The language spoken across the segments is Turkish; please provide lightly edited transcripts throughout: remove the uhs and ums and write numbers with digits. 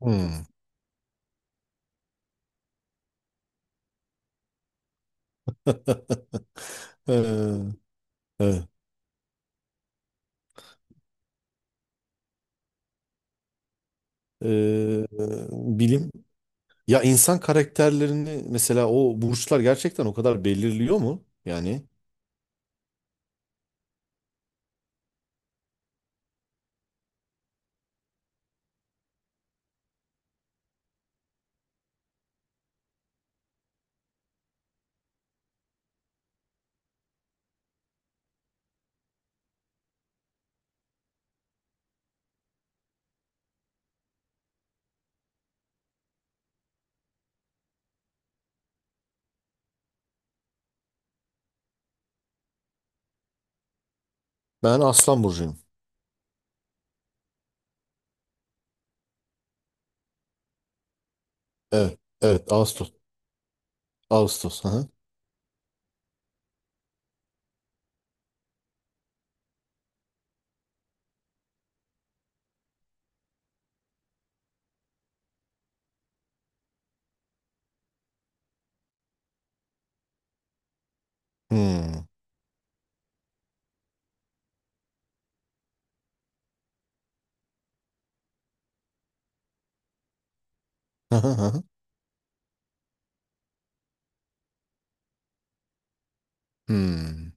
Hmm. Ee, evet. Ee, bilim, ya insan karakterlerini mesela, o burçlar gerçekten o kadar belirliyor mu? Yani ben Aslan burcuyum. Evet. Evet, Ağustos. Ağustos. Hı hı. Hmm. Hı hı hı. Hmm.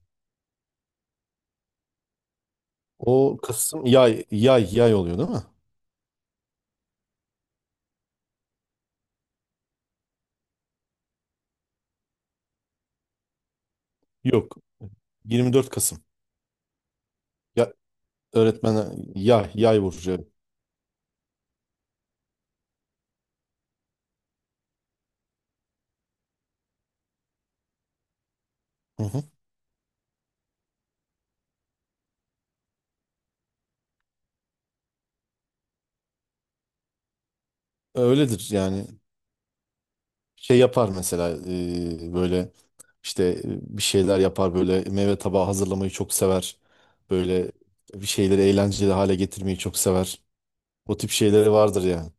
O Kasım, yay oluyor değil mi? Yok. 24 Kasım. Ya öğretmen, yay burcu. Evet. Hı hı. Öyledir yani. Şey yapar mesela, böyle işte, bir şeyler yapar, böyle meyve tabağı hazırlamayı çok sever. Böyle bir şeyleri eğlenceli hale getirmeyi çok sever. O tip şeyleri vardır yani.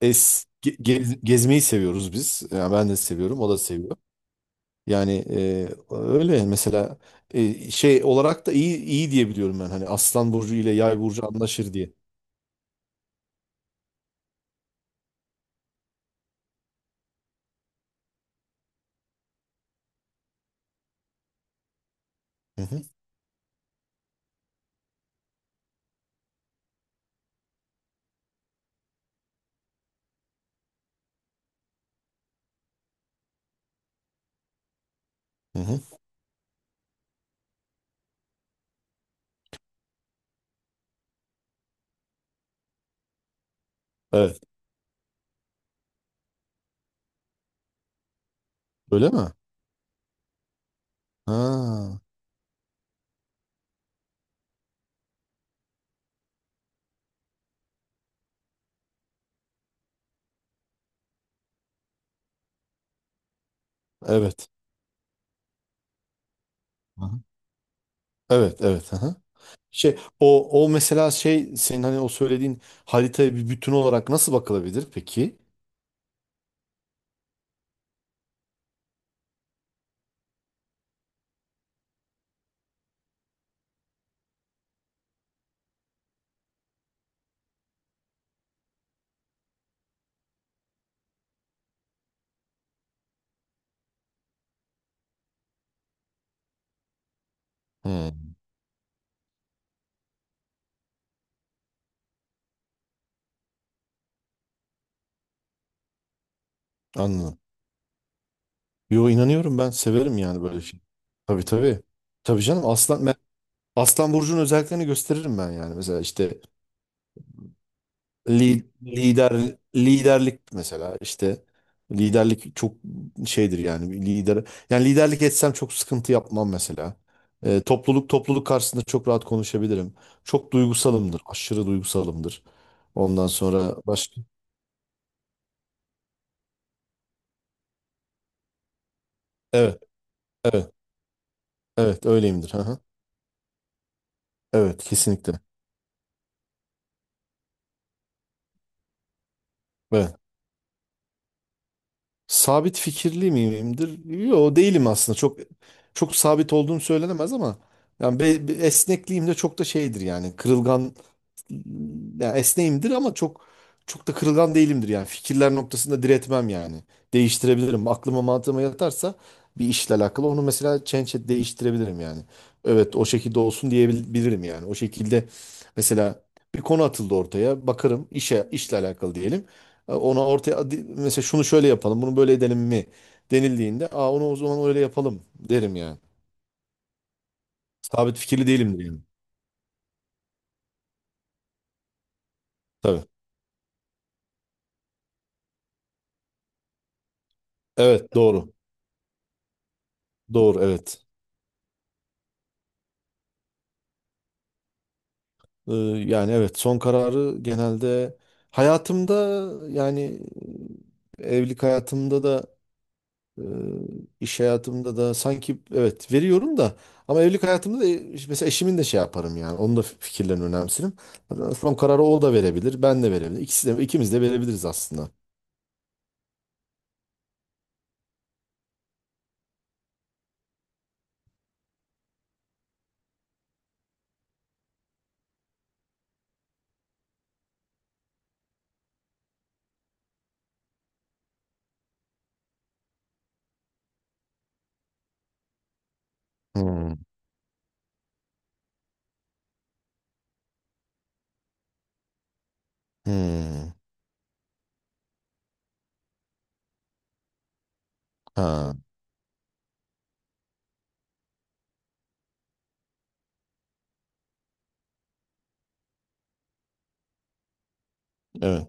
Gezmeyi seviyoruz biz. Yani ben de seviyorum, o da seviyor. Yani, öyle yani. Mesela, şey olarak da iyi iyi diye biliyorum ben. Hani Aslan burcu ile Yay burcu anlaşır diye. Hı hı, hı hı. Evet. Öyle mi? Ha, evet. Hı hı. Evet, evet. Hı hı. Şey, o mesela, şey, senin hani o söylediğin haritaya bir bütün olarak nasıl bakılabilir peki? Hmm, anladım. Yo, inanıyorum, ben severim yani böyle şey. Tabii tabii. Tabii canım, aslan, ben Aslan burcunun özelliklerini gösteririm ben, yani mesela işte, liderlik mesela, işte liderlik çok şeydir yani, bir lider, yani liderlik etsem çok sıkıntı yapmam mesela. Topluluk karşısında çok rahat konuşabilirim. Çok duygusalımdır. Aşırı duygusalımdır. Ondan sonra başka. Evet, evet, evet, öyleyimdir. Hı hı. Evet, kesinlikle. Evet. Sabit fikirli miyimdir? Yo, değilim aslında. Çok çok sabit olduğum söylenemez, ama yani, esnekliğim de çok da şeydir yani. Kırılgan, yani esneğimdir ama çok çok da kırılgan değilimdir yani. Fikirler noktasında diretmem yani. Değiştirebilirim. Aklıma, mantığıma yatarsa, bir işle alakalı onu mesela, değiştirebilirim yani. Evet, o şekilde olsun diyebilirim yani. O şekilde mesela, bir konu atıldı ortaya. Bakarım, işle alakalı diyelim. Ona ortaya, mesela şunu şöyle yapalım, bunu böyle edelim mi denildiğinde, aa, onu o zaman öyle yapalım derim yani. Sabit fikirli değilimdir yani. Tabii. Evet, doğru. Doğru, evet. Ee, yani evet, son kararı genelde hayatımda, yani, evlilik hayatımda da, e, iş hayatımda da sanki evet veriyorum da, ama evlilik hayatımda da, mesela eşimin de şey yaparım yani, onun da fikirlerini önemserim. Son kararı o da verebilir, ben de verebilirim. İkisi de, ikimiz de verebiliriz aslında. Hmm. Hmm. Ha, evet.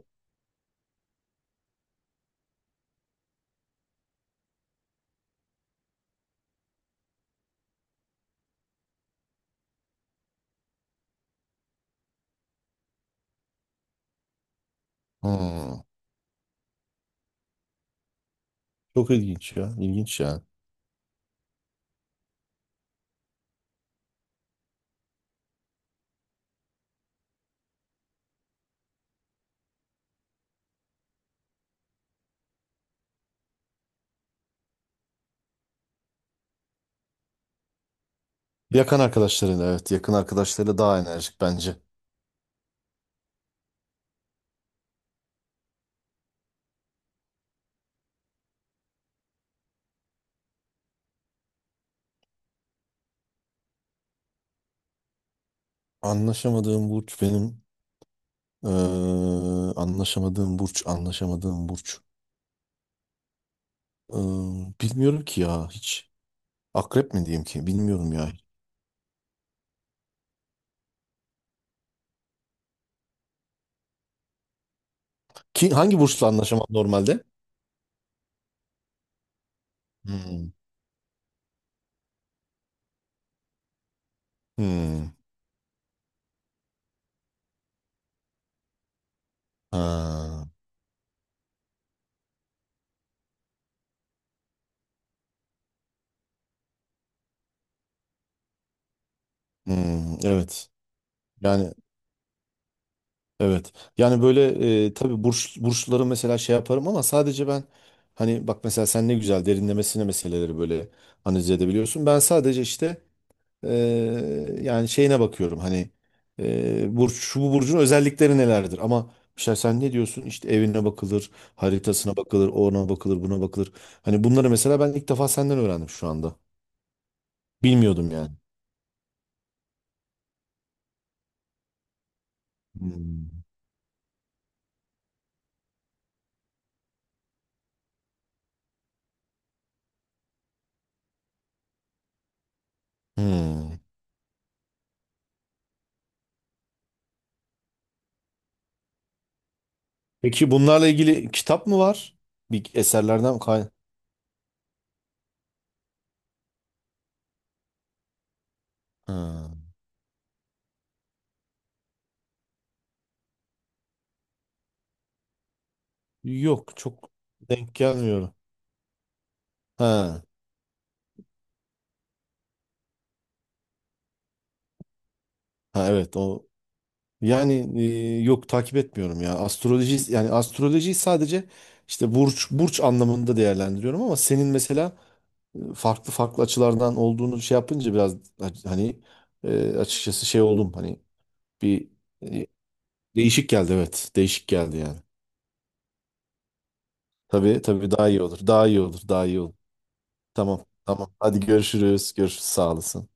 Hmm. Çok ilginç ya. İlginç ya. Yakın arkadaşlarıyla, evet. Yakın arkadaşlarıyla daha enerjik bence. Anlaşamadığım burç benim. Ee, anlaşamadığım burç, anlaşamadığım burç. Ee, bilmiyorum ki ya hiç. Akrep mi diyeyim ki? Bilmiyorum ya. Ki hangi burçla anlaşamam normalde? Hmm. Hmm. Ha. Hmm. Evet. Yani evet. Yani böyle, tabii burçları mesela şey yaparım, ama sadece ben, hani bak, mesela sen ne güzel derinlemesine meseleleri böyle analiz edebiliyorsun. Ben sadece işte, yani şeyine bakıyorum hani, burç, şu bu burcun özellikleri nelerdir, ama mesela sen ne diyorsun, işte evine bakılır, haritasına bakılır, ona bakılır, buna bakılır. Hani bunları mesela ben ilk defa senden öğrendim şu anda, bilmiyordum yani. Hmm. Hmm. Peki bunlarla ilgili kitap mı var? Bir eserlerden kay. Ha. Yok, çok denk gelmiyor. Ha. Ha, evet, o. Yani, yok, takip etmiyorum ya. Astroloji, yani astrolojiyi sadece işte burç burç anlamında değerlendiriyorum, ama senin mesela, farklı farklı açılardan olduğunu şey yapınca, biraz hani, açıkçası şey oldum, hani bir, e, değişik geldi. Evet. Değişik geldi yani. Tabii tabii, daha iyi olur. Daha iyi olur. Daha iyi olur. Tamam. Tamam. Hadi görüşürüz. Görüşürüz. Sağ olasın.